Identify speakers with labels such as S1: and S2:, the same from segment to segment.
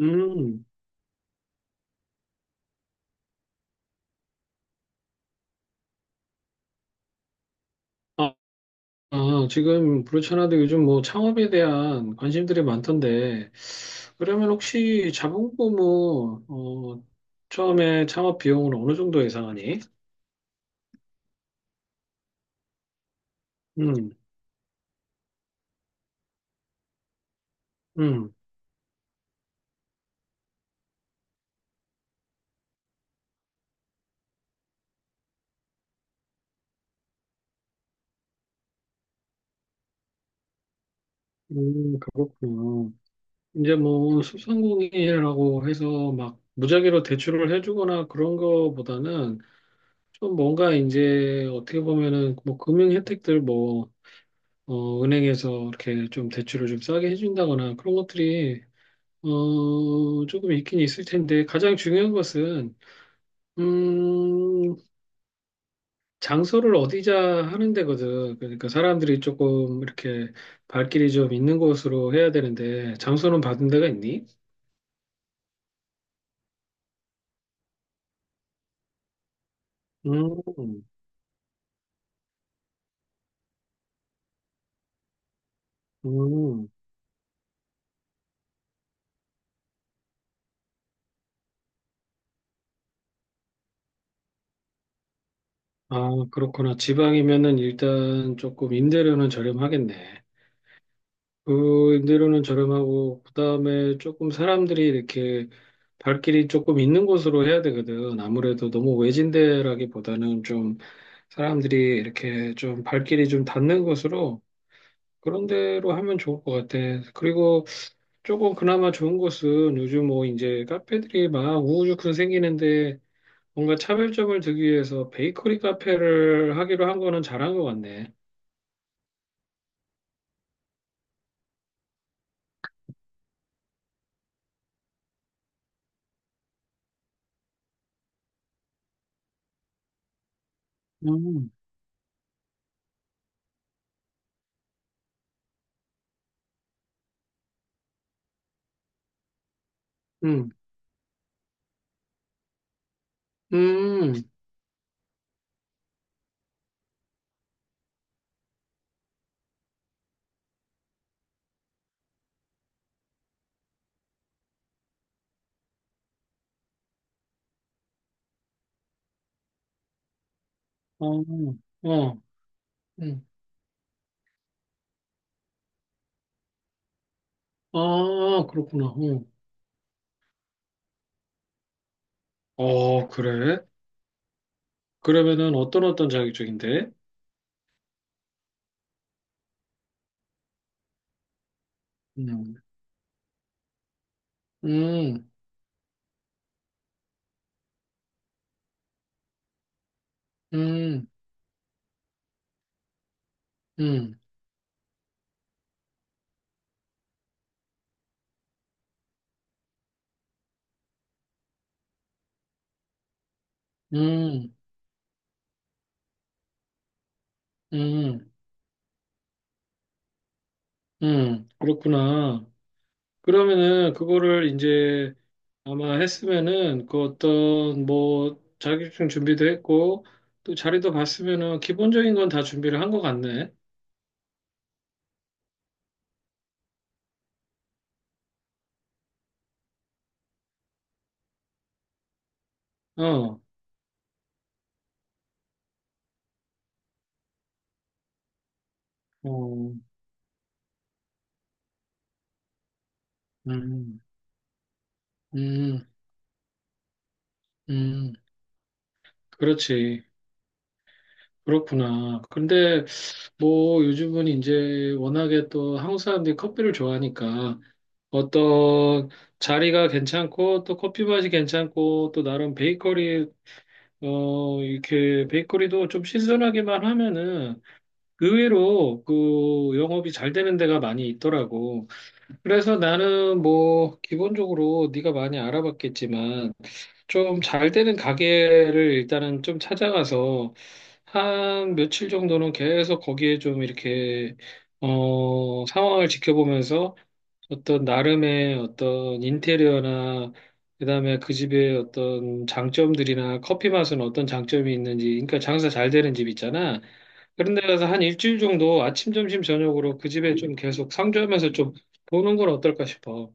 S1: 음, 아, 아, 지금 그렇잖아도 요즘 뭐 창업에 대한 관심들이 많던데, 그러면 혹시 자본금은, 어, 처음에 창업 비용을 어느 정도 예상하니? 음, 음, 그렇군요. 이제 뭐 소상공인이라고 해서 막 무작위로 대출을 해주거나 그런 거보다는 좀 뭔가 이제 어떻게 보면은 뭐 금융 혜택들 뭐, 은행에서 이렇게 좀 대출을 좀 싸게 해준다거나 그런 것들이 조금 있긴 있을 텐데, 가장 중요한 것은, 음, 장소를 어디자 하는 데거든. 그러니까 사람들이 조금 이렇게 발길이 좀 있는 곳으로 해야 되는데, 장소는 받은 데가 있니? 음, 음. 아, 그렇구나. 지방이면은 일단 조금 임대료는 저렴하겠네. 그 임대료는 저렴하고 그다음에 조금 사람들이 이렇게 발길이 조금 있는 곳으로 해야 되거든. 아무래도 너무 외진데라기보다는 좀 사람들이 이렇게 좀 발길이 좀 닿는 곳으로 그런 데로 하면 좋을 것 같아. 그리고 조금 그나마 좋은 곳은 요즘 뭐 이제 카페들이 막 우후죽순 생기는데 뭔가 차별점을 두기 위해서 베이커리 카페를 하기로 한 거는 잘한 것 같네. 음, 음, 음, 어, 어, 음. 아, 그렇구나. 어, 어, 그래? 그러면은 어떤 자격 쪽인데? 음, 음, 음, 음, 음, 음, 그렇구나. 그러면은 그거를 이제 아마 했으면은 그 어떤 뭐 자격증 준비도 했고 또 자리도 봤으면은 기본적인 건 다 준비를 한 것 같네. 어, 어, 음, 음, 음, 그렇지. 그렇구나. 근데 뭐 요즘은 이제 워낙에 또 한국 사람들이 커피를 좋아하니까 어떤 자리가 괜찮고 또 커피 맛이 괜찮고 또 나름 베이커리 이렇게 베이커리도 좀 신선하기만 하면은 의외로 그 영업이 잘 되는 데가 많이 있더라고. 그래서 나는 뭐 기본적으로 네가 많이 알아봤겠지만 좀 잘 되는 가게를 일단은 좀 찾아가서 한 며칠 정도는 계속 거기에 좀 이렇게 상황을 지켜보면서 어떤 나름의 어떤 인테리어나 그다음에 그 집의 어떤 장점들이나 커피 맛은 어떤 장점이 있는지 그러니까 장사 잘 되는 집 있잖아. 그런 데 가서 한 일주일 정도 아침, 점심, 저녁으로 그 집에 좀 계속 상주하면서 좀 보는 건 어떨까 싶어.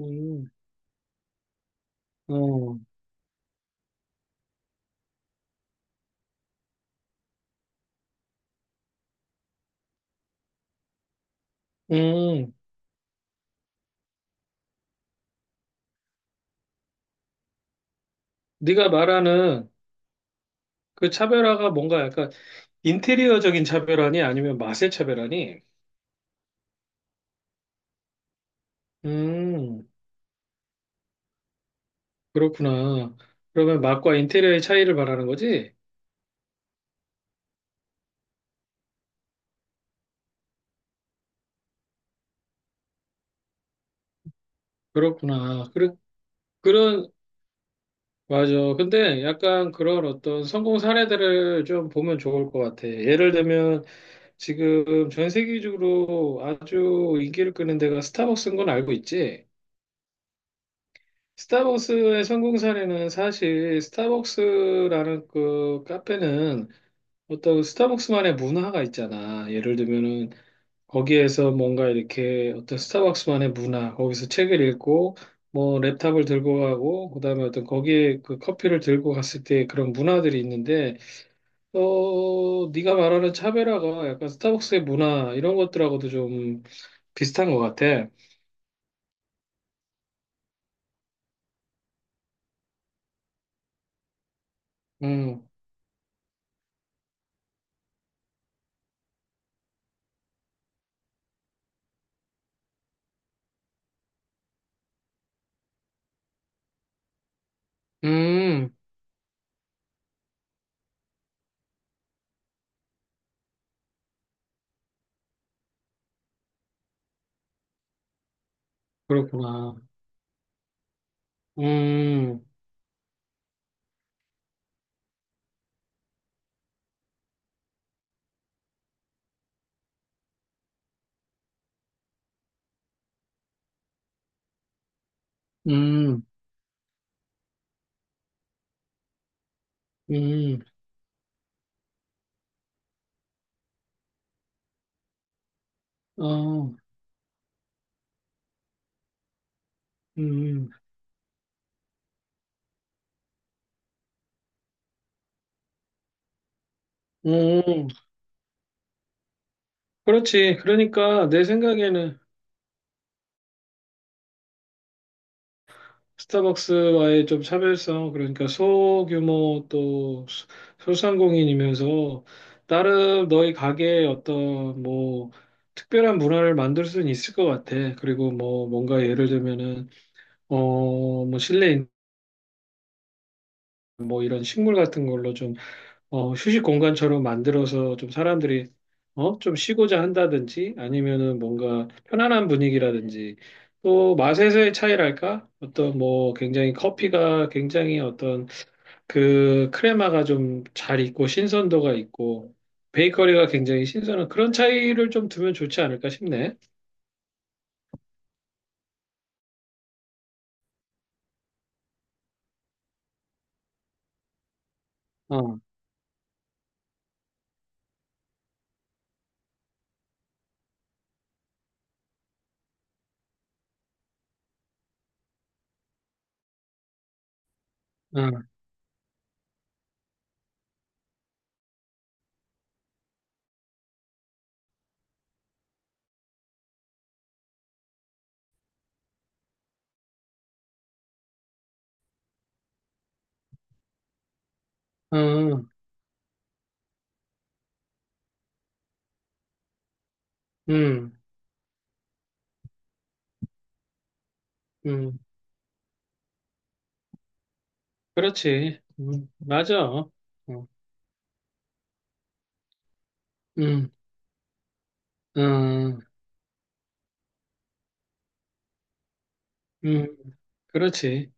S1: 음. 어. 음. 네가 말하는 그 차별화가 뭔가 약간 인테리어적인 차별화니 아니면 맛의 차별화니? 음, 그렇구나. 그러면 맛과 인테리어의 차이를 말하는 거지? 그렇구나. 그런, 맞아. 근데 약간 그런 어떤 성공 사례들을 좀 보면 좋을 것 같아. 예를 들면 지금 전 세계적으로 아주 인기를 끄는 데가 스타벅스인 건 알고 있지? 스타벅스의 성공 사례는 사실 스타벅스라는 그 카페는 어떤 스타벅스만의 문화가 있잖아. 예를 들면은 거기에서 뭔가 이렇게 어떤 스타벅스만의 문화, 거기서 책을 읽고 뭐 랩탑을 들고 가고 그다음에 어떤 거기에 그 커피를 들고 갔을 때 그런 문화들이 있는데 네가 말하는 차별화가 약간 스타벅스의 문화 이런 것들하고도 좀 비슷한 것 같아. 음, 음, 그렇구나. 음, 음, 음, 어, 음, 음. 그렇지. 그러니까 내 생각에는 스타벅스와의 좀 차별성, 그러니까 소규모 또 소상공인이면서 나름 너희 가게에 어떤 뭐 특별한 문화를 만들 수는 있을 것 같아. 그리고 뭐 뭔가 예를 들면은 뭐 실내 인뭐 이런 식물 같은 걸로 좀 휴식 공간처럼 만들어서 좀 사람들이 좀 쉬고자 한다든지 아니면은 뭔가 편안한 분위기라든지 또 맛에서의 차이랄까? 어떤 뭐 굉장히 커피가 굉장히 어떤 그 크레마가 좀 잘 있고 신선도가 있고 베이커리가 굉장히 신선한 그런 차이를 좀 두면 좋지 않을까 싶네. 어, 어, 어, 음, 음, 그렇지. 맞아. 어, 음, 응 음, 그렇지.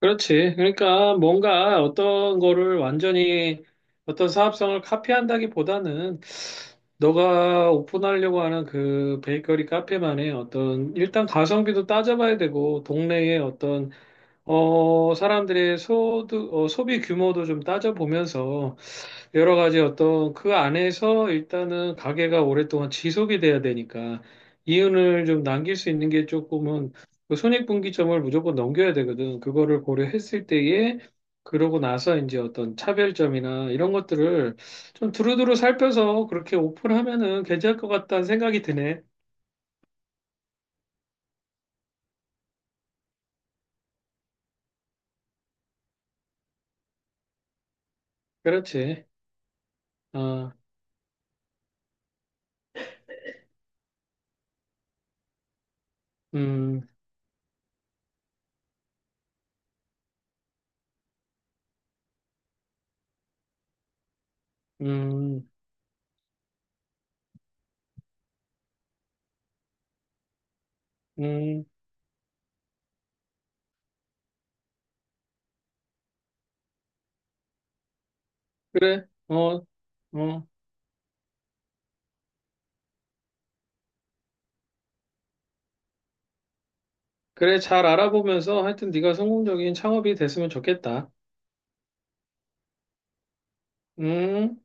S1: 그렇지. 그러니까 뭔가 어떤 거를 완전히 어떤 사업성을 카피한다기보다는 너가 오픈하려고 하는 그 베이커리 카페만의 어떤 일단 가성비도 따져봐야 되고 동네의 어떤 사람들의 소득 소비 규모도 좀 따져보면서 여러 가지 어떤 그 안에서 일단은 가게가 오랫동안 지속이 돼야 되니까 이윤을 좀 남길 수 있는 게 조금은 그 손익분기점을 무조건 넘겨야 되거든. 그거를 고려했을 때에 그러고 나서 이제 어떤 차별점이나 이런 것들을 좀 두루두루 살펴서 그렇게 오픈하면은 괜찮을 것 같다는 생각이 드네. 그렇지. 어, 음, 음, 음, 그래. 어, 어, 그래. 잘 알아보면서 하여튼 네가 성공적인 창업이 됐으면 좋겠다. 음.